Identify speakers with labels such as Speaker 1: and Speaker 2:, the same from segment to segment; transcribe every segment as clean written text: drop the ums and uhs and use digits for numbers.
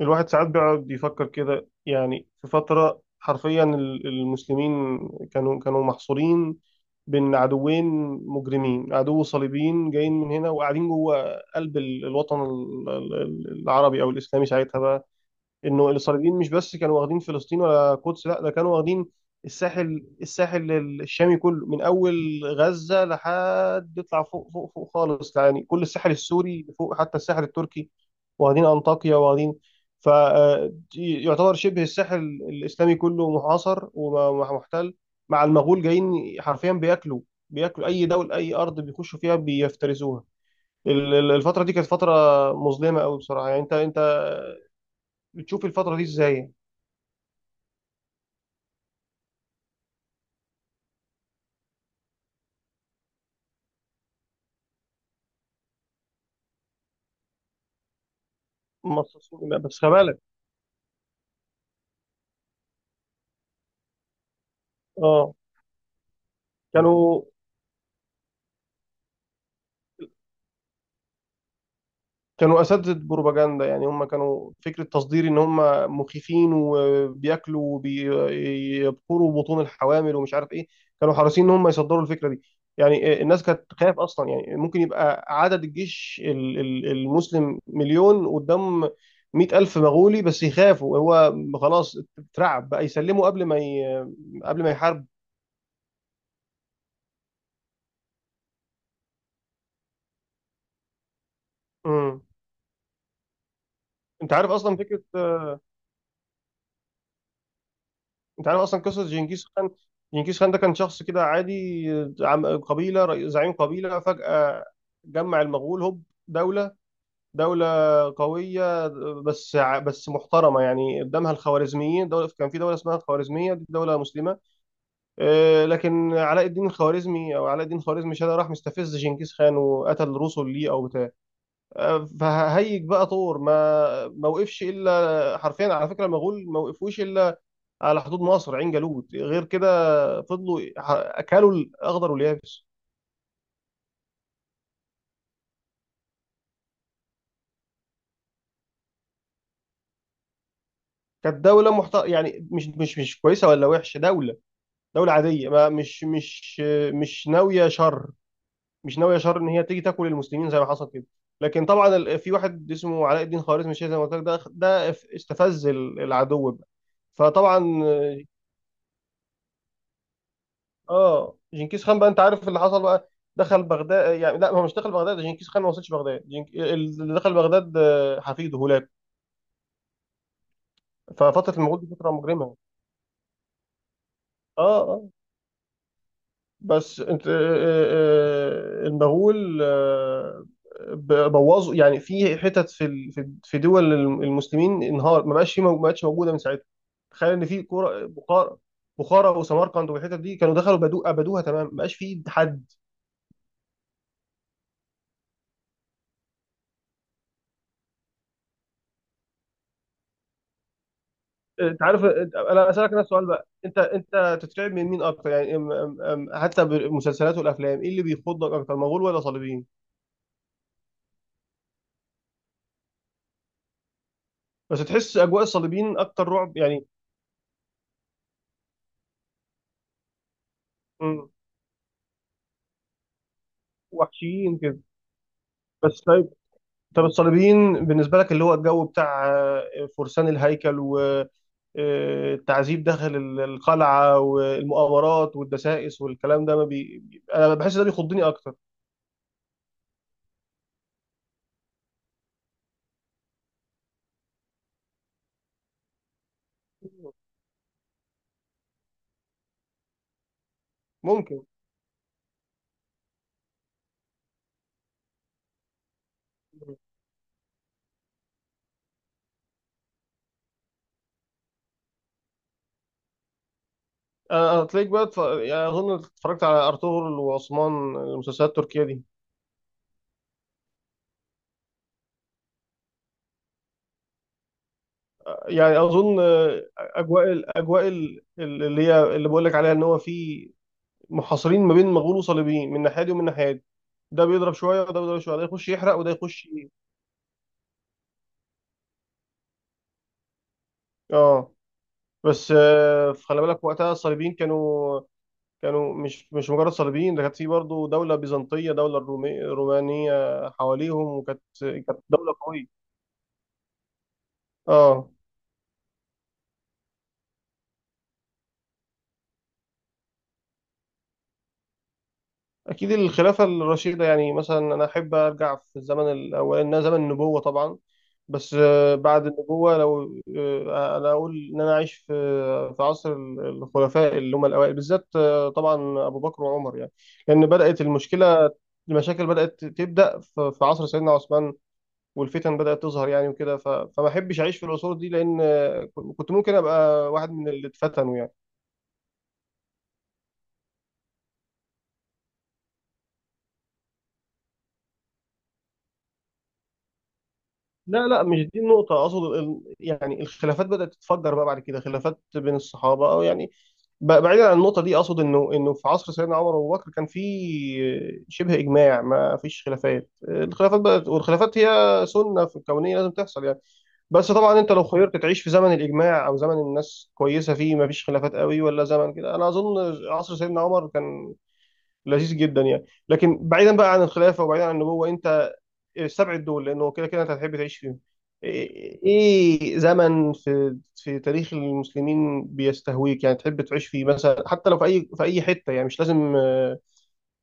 Speaker 1: الواحد ساعات بيقعد يفكر كده، يعني في فترة حرفيا المسلمين كانوا محصورين بين عدوين مجرمين، عدو صليبيين جايين من هنا وقاعدين جوه قلب الوطن العربي أو الإسلامي ساعتها بقى، انه الاسرائيليين مش بس كانوا واخدين فلسطين ولا القدس، لا ده كانوا واخدين الساحل الشامي كله من اول غزة لحد يطلع فوق خالص، يعني كل الساحل السوري فوق حتى الساحل التركي، واخدين انطاكيا واخدين، فيعتبر شبه الساحل الاسلامي كله محاصر ومحتل، مع المغول جايين حرفيا بياكلوا اي دولة اي ارض بيخشوا فيها بيفترسوها. الفترة دي كانت فترة مظلمة قوي بصراحة، يعني انت بتشوف الفترة دي ازاي؟ مصاصين، لا بس خبالك. اه، كانوا كانوا اساتذه بروباجندا، يعني هم كانوا فكره تصدير ان هم مخيفين وبياكلوا وبيبخروا بطون الحوامل ومش عارف ايه، كانوا حريصين ان هم يصدروا الفكره دي. يعني آه، الناس كانت تخاف اصلا، يعني ممكن يبقى عدد الجيش المسلم 1,000,000 قدام 100,000 مغولي، بس يخافوا هو خلاص اترعب بقى يسلموا قبل ما قبل ما يحارب. مم. انت عارف اصلا انت عارف اصلا قصه جنكيز خان؟ جنكيز خان ده كان شخص كده عادي، زعيم قبيله، فجاه جمع المغول هوب، دوله دوله قويه، بس محترمه، يعني قدامها الخوارزميين، دوله كان في دوله اسمها الخوارزميه، دي دوله مسلمه. آه، لكن علاء الدين الخوارزمي او علاء الدين الخوارزمي شاه، ده راح مستفز جنكيز خان وقتل رسل ليه او بتاع. آه، فهيج بقى طور ما وقفش، الا حرفيا على فكره المغول ما وقفوش الا على حدود مصر عين جالوت غير كده، فضلوا اكلوا الاخضر واليابس. كانت يعني مش كويسه ولا وحشه، دوله عاديه، ما مش مش مش ناويه شر، مش ناويه شر ان هي تيجي تاكل المسلمين زي ما حصل كده. لكن طبعا في واحد اسمه علاء الدين خوارزمي الشيخ، زي ما قلت لك، ده استفز العدو بقى، فطبعا اه. جنكيز خان بقى، انت عارف اللي حصل بقى، دخل بغداد، يعني لا، هو مش دخل بغداد، جنكيز خان ما وصلش بغداد، اللي دخل بغداد آه، حفيده هولاكو. ففتره المغول دي فتره مجرمه، اه اه. بس انت آه، المغول آه، بوظوا، يعني في حتت في ال- في في دول المسلمين، انهار ما بقاش في ما بقتش موجوده من ساعتها. تخيل ان في كوره بخارى، بخارى وسمرقند والحتت دي كانوا دخلوا بدو ابدوها تمام، ما بقاش في حد. آه، انت عارف، آه، انا اسالك نفس السؤال بقى، انت تترعب من مين اكتر؟ يعني حتى بالمسلسلات والافلام، ايه اللي بيخضك اكتر، مغول ولا صليبيين؟ بس تحس اجواء الصليبيين اكتر رعب يعني. مم، وحشيين كده. بس طيب، طب الصليبيين بالنسبة لك، اللي هو الجو بتاع آه، فرسان الهيكل والتعذيب داخل القلعة والمؤامرات والدسائس والكلام ده، ما بي... بي- أنا بحس ده بيخضني أكتر. ممكن. أنا هتلاقيك بقى يعني أظن اتفرجت على أرطغرل وعثمان المسلسلات التركية دي. يعني أظن آه، الأجواء اللي بقول لك عليها، إن هو في محاصرين ما بين مغول وصليبيين من ناحية دي ومن ناحية دي، ده بيضرب شوية وده بيضرب شوية، ده يخش يحرق وده يخش اه. بس آه، خلي بالك وقتها الصليبيين كانوا مش مجرد صليبيين، ده كانت في برضه دولة بيزنطية، رومانية حواليهم، وكانت دولة قوية اه. اكيد الخلافة الرشيدة، يعني مثلا انا احب ارجع في الزمن الاول، إنها زمن النبوة طبعا، بس آه، بعد النبوة لو آه، انا اقول ان انا عايش في عصر الخلفاء اللي هم الاوائل بالذات، آه، طبعا ابو بكر وعمر يعني، لان بدأت المشكلة، المشاكل بدأت تبدأ في عصر سيدنا عثمان والفتن بدأت تظهر، يعني وكده فما احبش اعيش في العصور دي، لان كنت ممكن ابقى واحد من اللي اتفتنوا يعني. لا لا مش دي النقطة، اقصد يعني الخلافات بدأت تتفجر بقى بعد كده، خلافات بين الصحابة او يعني، بعيدا عن النقطة دي، اقصد انه في عصر سيدنا عمر وابو بكر كان في شبه اجماع، ما فيش خلافات، الخلافات بدأت، والخلافات هي سنة في الكونية لازم تحصل يعني. بس طبعا انت لو خيرت تعيش في زمن الاجماع او زمن الناس كويسه فيه ما فيش خلافات قوي ولا زمن كده، انا اظن عصر سيدنا عمر كان لذيذ جدا يعني. لكن بعيدا بقى عن الخلافه وبعيدا عن النبوه، انت السبع دول لانه كده كده انت هتحب تعيش فيهم، ايه زمن في تاريخ المسلمين بيستهويك، يعني تحب تعيش فيه مثلا، حتى لو في اي في اي حته، يعني مش لازم آه،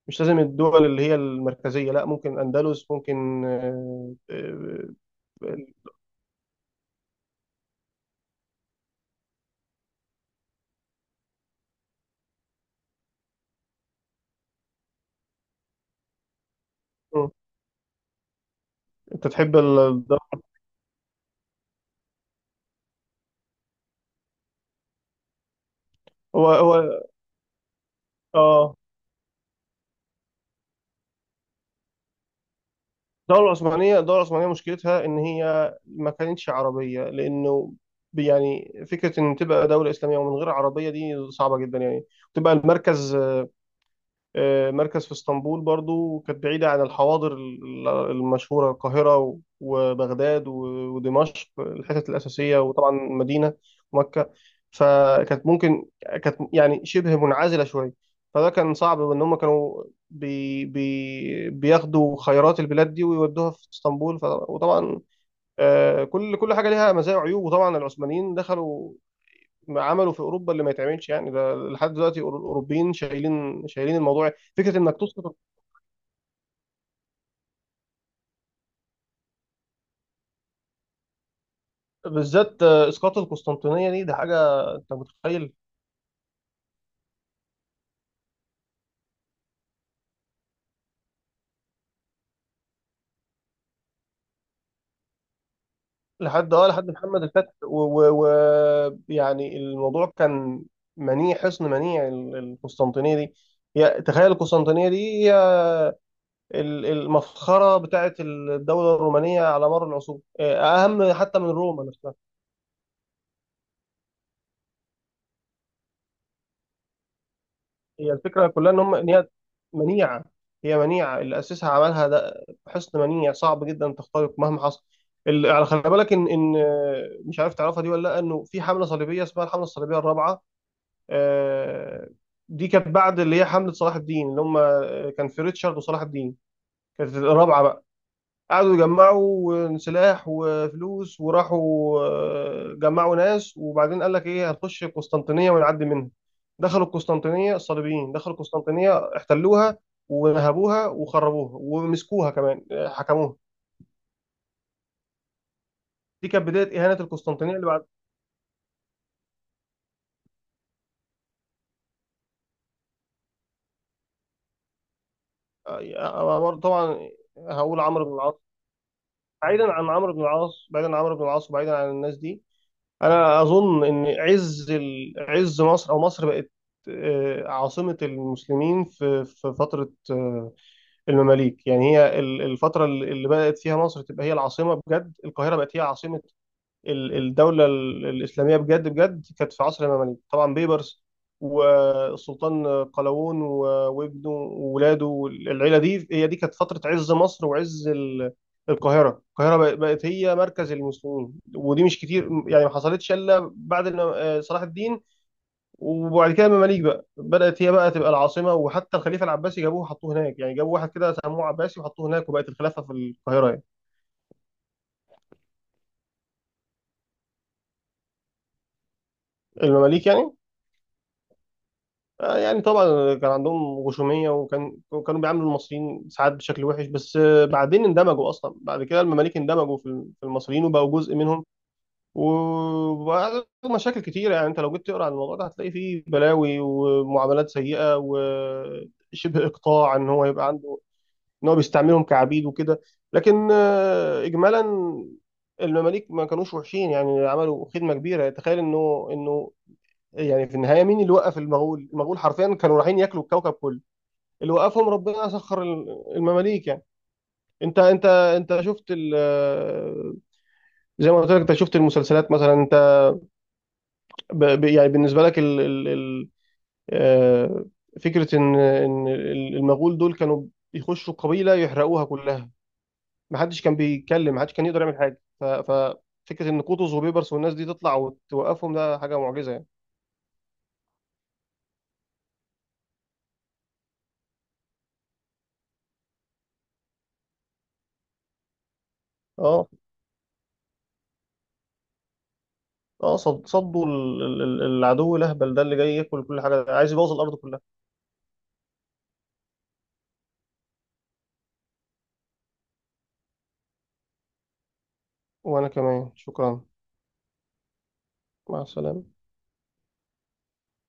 Speaker 1: مش لازم الدول اللي هي المركزيه، لا ممكن اندلس، ممكن آه، انت تحب هو هو اه. الدولة العثمانية، الدولة العثمانية مشكلتها إن هي ما كانتش عربية، لأنه يعني فكرة إن تبقى دولة إسلامية ومن غير عربية دي صعبة جدا يعني، تبقى المركز، آه، مركز في اسطنبول، برضو كانت بعيدة عن الحواضر المشهورة، القاهرة وبغداد ودمشق الحتت الأساسية، وطبعا المدينة، مكة. فكانت ممكن، كانت يعني شبه منعزلة شوية، فده كان صعب إن هم كانوا بي بي بياخدوا خيرات البلاد دي ويودوها في اسطنبول، وطبعا آه، كل حاجة ليها مزايا وعيوب. وطبعا العثمانيين دخلوا عمله في اوروبا اللي ما يتعملش، يعني ده لحد دلوقتي الاوروبيين شايلين الموضوع، فكره انك تسقط، بالذات آه، اسقاط القسطنطينيه دي، ده حاجه، انت متخيل. لحد اه، لحد محمد الفاتح، ويعني الموضوع كان منيع، حصن منيع القسطنطينيه دي. تخيل القسطنطينيه دي، هي المفخره بتاعت الدوله الرومانيه على مر العصور، آه، اهم حتى من روما. هي الفكرة كلها إن هم إن هي منيعة، هي منيعة، اللي أسسها عملها ده حسن منيع، صعب جدا تخترق مهما حصل. ال- على خلي بالك إن آه، مش عارف تعرفها دي ولا لأ، إنه في حملة صليبية اسمها الحملة الصليبية الرابعة. آه، دي كانت بعد اللي هي حملة صلاح الدين، اللي هم آه، كان في ريتشارد وصلاح الدين، كانت الرابعة بقى، قعدوا يجمعوا سلاح وفلوس وراحوا آه، جمعوا ناس، وبعدين قال لك ايه، هنخش القسطنطينية ونعدي منها، دخلوا القسطنطينية، الصليبيين دخلوا القسطنطينية احتلوها ونهبوها وخربوها ومسكوها كمان، آه، حكموها. دي كانت بداية إهانة القسطنطينية اللي بعد طبعا. هقول عمرو بن العاص، بعيدا عن عمرو بن العاص، بعيدا عن عمرو بن العاص وبعيدا عن الناس دي، انا اظن ان عز عز مصر، او مصر بقت آه، عاصمة المسلمين في فترة آه، المماليك. يعني هي الفترة اللي بدأت فيها مصر تبقى هي العاصمة بجد، القاهرة بقت هي عاصمة الدولة الإسلامية بجد بجد، كانت في عصر المماليك، طبعا بيبرس والسلطان قلاوون وابنه وولاده والعيلة دي، هي دي كانت فترة عز مصر وعز القاهرة. بقت هي مركز المسلمين، ودي مش كتير يعني، ما حصلتش إلا بعد آه، صلاح الدين، وبعد كده المماليك بقى بدأت هي بقى تبقى العاصمة، وحتى الخليفة العباسي جابوه وحطوه هناك، يعني جابوا واحد كده سموه عباسي وحطوه هناك، وبقت الخلافة في القاهرة يعني. المماليك يعني آه، يعني طبعا كان عندهم غشومية، وكان كانوا بيعاملوا المصريين ساعات بشكل وحش، بس آه، بعدين اندمجوا أصلا، بعد كده المماليك اندمجوا في في المصريين وبقوا جزء منهم، وبقى لهم مشاكل كتيرة، يعني أنت لو جيت تقرأ عن الموضوع ده هتلاقي فيه بلاوي ومعاملات سيئة وشبه إقطاع، إن هو يبقى عنده إن هو بيستعملهم كعبيد وكده. لكن آه، إجمالا المماليك ما كانوش وحشين، يعني عملوا خدمة كبيرة. تخيل إنه يعني في النهايه مين اللي وقف المغول؟ المغول حرفيا كانوا رايحين ياكلوا الكوكب كله، اللي وقفهم ربنا سخر المماليك يعني. انت شفت زي ما قلت لك، انت شفت المسلسلات مثلا. انت يعني بالنسبه لك ال ال ال آه، فكره ان المغول دول كانوا بيخشوا قبيله يحرقوها كلها، ما حدش كان بيتكلم، ما حدش كان يقدر يعمل حاجه. فكره ان قطز وبيبرس والناس دي تطلع وتوقفهم، ده حاجه معجزه يعني. اه اه، صدوا العدو الاهبل ده اللي جاي ياكل كل حاجه، عايز يبوظ الارض كلها. وأنا كمان شكرا. مع السلامة.